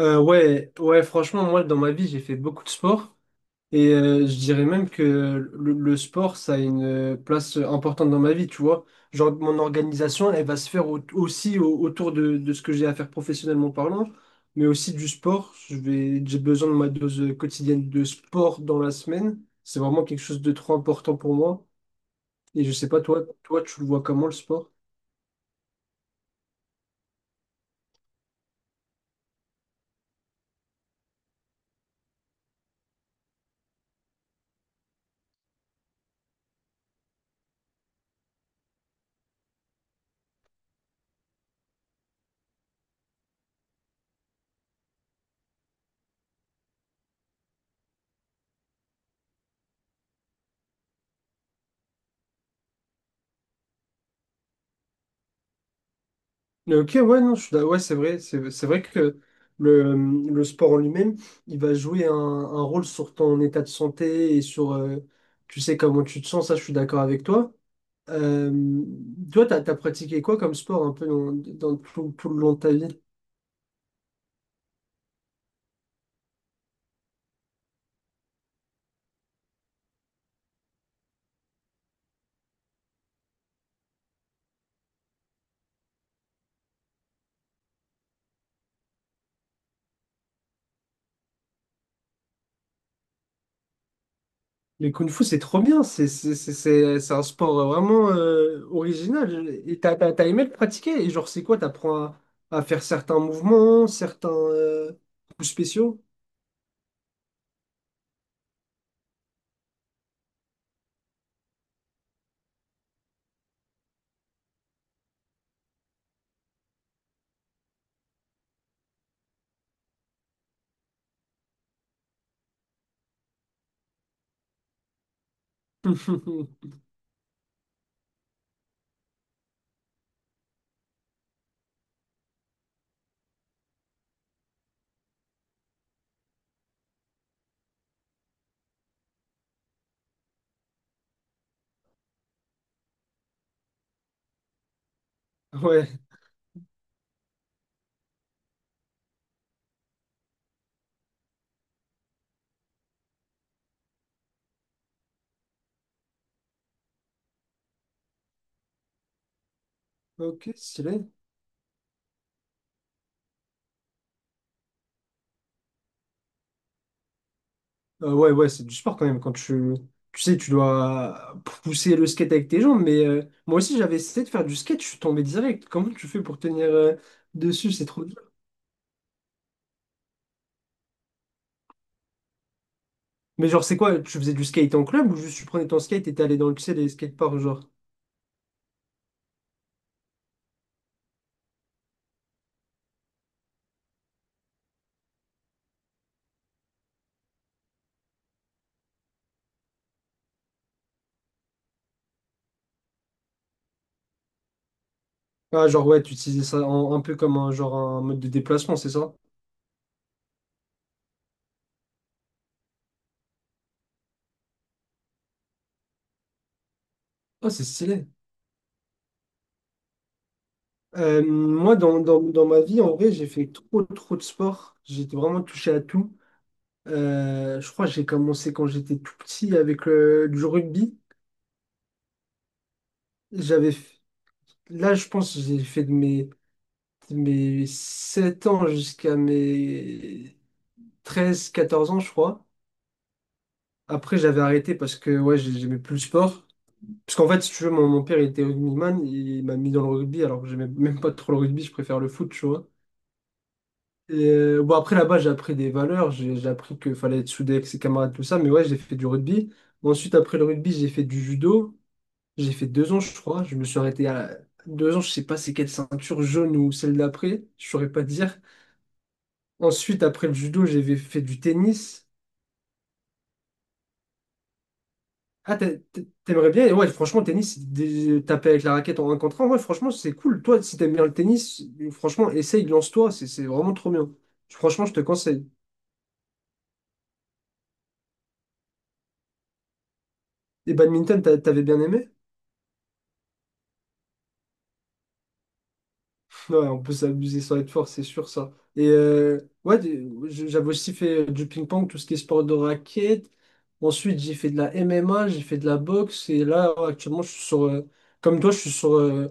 Ouais, ouais, franchement, moi, dans ma vie, j'ai fait beaucoup de sport. Et je dirais même que le sport, ça a une place importante dans ma vie, tu vois. Genre, mon organisation, elle va se faire aussi autour de ce que j'ai à faire professionnellement parlant, mais aussi du sport. J'ai besoin de ma dose quotidienne de sport dans la semaine. C'est vraiment quelque chose de trop important pour moi. Et je sais pas, toi, tu le vois comment le sport? Ok, ouais, non, ouais, c'est vrai, c'est vrai que le, le sport en lui-même, il va jouer un rôle sur ton état de santé et sur, tu sais, comment tu te sens, ça, je suis d'accord avec toi. Euh, toi, t'as pratiqué quoi comme sport un peu dans tout le long de ta vie? Le kung-fu, c'est trop bien, c'est un sport vraiment original. Et t'as aimé le pratiquer, et genre, c'est quoi? T'apprends à faire certains mouvements, certains coups spéciaux? Ouais. Ok, stylé. Ouais, ouais, c'est du sport quand même. Quand tu sais, tu dois pousser le skate avec tes jambes. Mais moi aussi, j'avais essayé de faire du skate. Je suis tombé direct. Comment tu fais pour tenir dessus? C'est trop dur. Mais genre, c'est quoi? Tu faisais du skate en club ou juste tu prenais ton skate et t'es allé dans le, tu sais, les skateparks, genre? Ah, genre, ouais, tu utilisais ça un peu comme un, genre, un mode de déplacement, c'est ça? Ah, c'est stylé. Moi, dans ma vie, en vrai, j'ai fait trop de sport. J'étais vraiment touché à tout. Je crois que j'ai commencé quand j'étais tout petit avec du rugby. J'avais, f- là, je pense que j'ai fait de mes 7 ans jusqu'à mes treize quatorze ans, je crois. Après, j'avais arrêté parce que ouais, j'aimais plus le sport. Parce qu'en fait, si tu veux, mon père il était rugbyman, il m'a mis dans le rugby alors que j'aimais même pas trop le rugby, je préfère le foot, tu vois. Et bon, après là-bas, j'ai appris des valeurs, j'ai appris qu'il fallait être soudé avec ses camarades, tout ça, mais ouais, j'ai fait du rugby. Ensuite, après le rugby, j'ai fait du judo. J'ai fait deux ans, je crois. Je me suis arrêté à deux ans. Je sais pas c'est quelle ceinture jaune ou celle d'après. Je saurais pas te dire. Ensuite, après le judo, j'avais fait du tennis. Ah, t'aimerais bien? Et ouais, franchement, tennis, c'est taper avec la raquette en un contre un. Ouais, franchement, c'est cool. Toi, si t'aimes bien le tennis, franchement, essaye, lance-toi. C'est vraiment trop bien. Franchement, je te conseille. Et badminton, t'avais bien aimé? Ouais, on peut s'abuser sans être fort, c'est sûr ça. Et ouais, j'avais aussi fait du ping-pong, tout ce qui est sport de raquette. Ensuite, j'ai fait de la MMA, j'ai fait de la boxe. Et là, actuellement, je suis sur, comme toi, je suis sur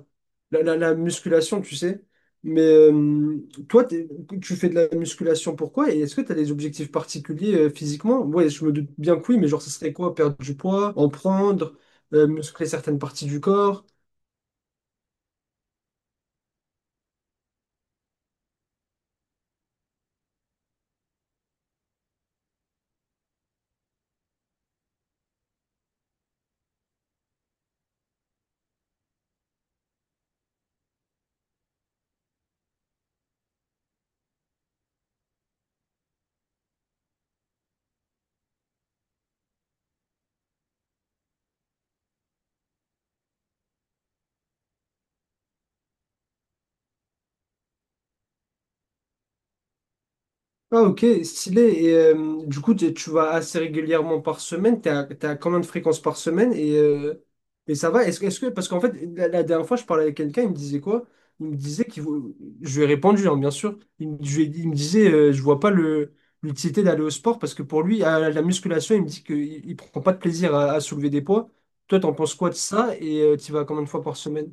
la musculation, tu sais. Mais toi, tu fais de la musculation, pourquoi? Et est-ce que tu as des objectifs particuliers physiquement? Ouais, je me doute bien que oui, mais genre, ce serait quoi? Perdre du poids, en prendre, muscler certaines parties du corps? Ah ok, stylé. Et du coup, tu vas assez régulièrement par semaine. T'es à combien de fréquences par semaine? Et et ça va? Est-ce que parce qu'en fait, la dernière fois, je parlais avec quelqu'un, il me disait quoi? Il me disait qu'il vou- je lui ai répondu, hein, bien sûr. Il, me je lui ai dit, il me disait, je vois pas le l'utilité d'aller au sport parce que pour lui, à la musculation, il me dit qu'il il prend pas de plaisir à soulever des poids. Toi, t'en penses quoi de ça? Et tu vas combien de fois par semaine?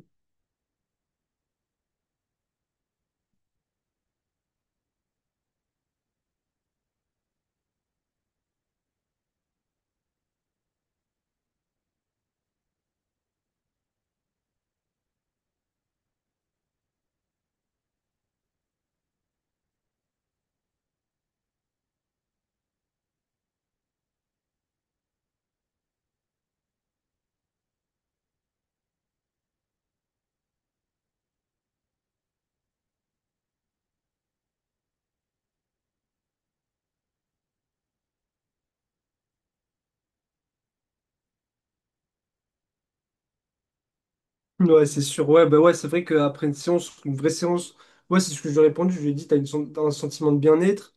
Ouais, c'est sûr. Ouais, bah ouais, c'est vrai qu'après une séance, une vraie séance, ouais c'est ce que je lui ai répondu. Je lui ai dit, t'as un sentiment de bien-être.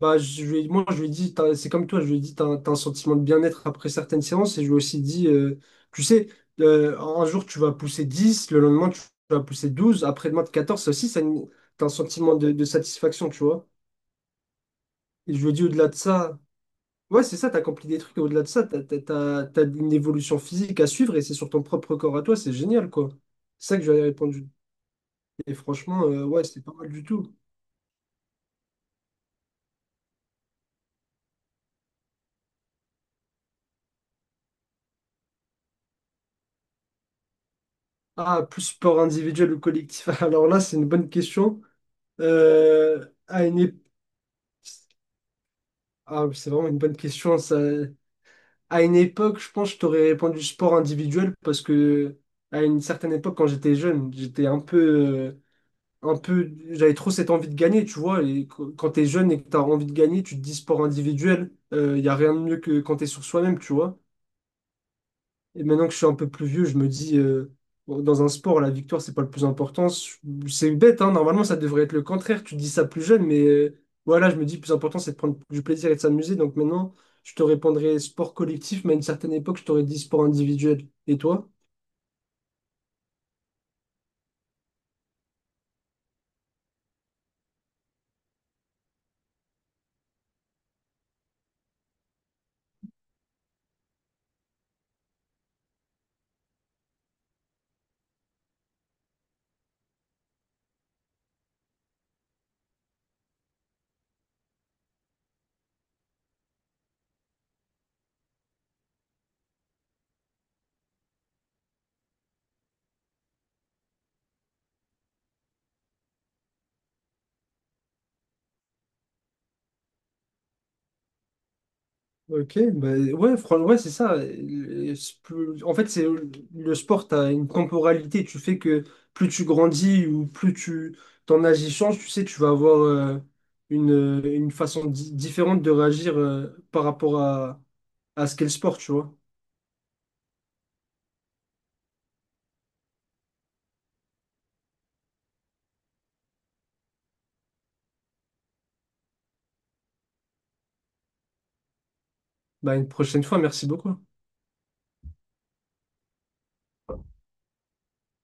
Bah, moi, je lui ai dit, c'est comme toi, je lui ai dit, t'as un sentiment de bien-être après certaines séances. Et je lui ai aussi dit, tu sais, un jour, tu vas pousser 10 le lendemain, tu vas pousser 12 après-demain, 14. Ça aussi, t'as un sentiment de satisfaction, tu vois. Et je lui ai dit, au-delà de ça, ouais, c'est ça, t'as accompli des trucs. Et au-delà de ça, t'as une évolution physique à suivre et c'est sur ton propre corps à toi, c'est génial, quoi. C'est ça que je lui ai répondu. Et franchement, ouais, c'était pas mal du tout. Ah, plus sport individuel ou collectif? Alors là, c'est une bonne question. Euh, à une ép- Ah, oui, c'est vraiment une bonne question. Ça... À une époque, je pense que je t'aurais répondu sport individuel parce que à une certaine époque, quand j'étais jeune, j'étais un peu, j'avais trop cette envie de gagner, tu vois. Et quand t'es jeune et que t'as envie de gagner, tu te dis sport individuel. Il y a rien de mieux que quand t'es sur soi-même, tu vois. Et maintenant que je suis un peu plus vieux, je me dis, bon, dans un sport, la victoire, c'est pas le plus important. C'est bête, hein, normalement, ça devrait être le contraire. Tu dis ça plus jeune, mais voilà, je me dis, le plus important, c'est de prendre du plaisir et de s'amuser. Donc maintenant, je te répondrai sport collectif, mais à une certaine époque, je t'aurais dit sport individuel. Et toi? Ok, bah ouais, ouais, c'est ça. En fait, c'est le sport, t'as une temporalité. Tu fais que plus tu grandis ou plus tu ton âge y change, tu sais, tu vas avoir une différente de réagir par rapport à ce qu'est le sport, tu vois. Bah, une prochaine fois, merci beaucoup.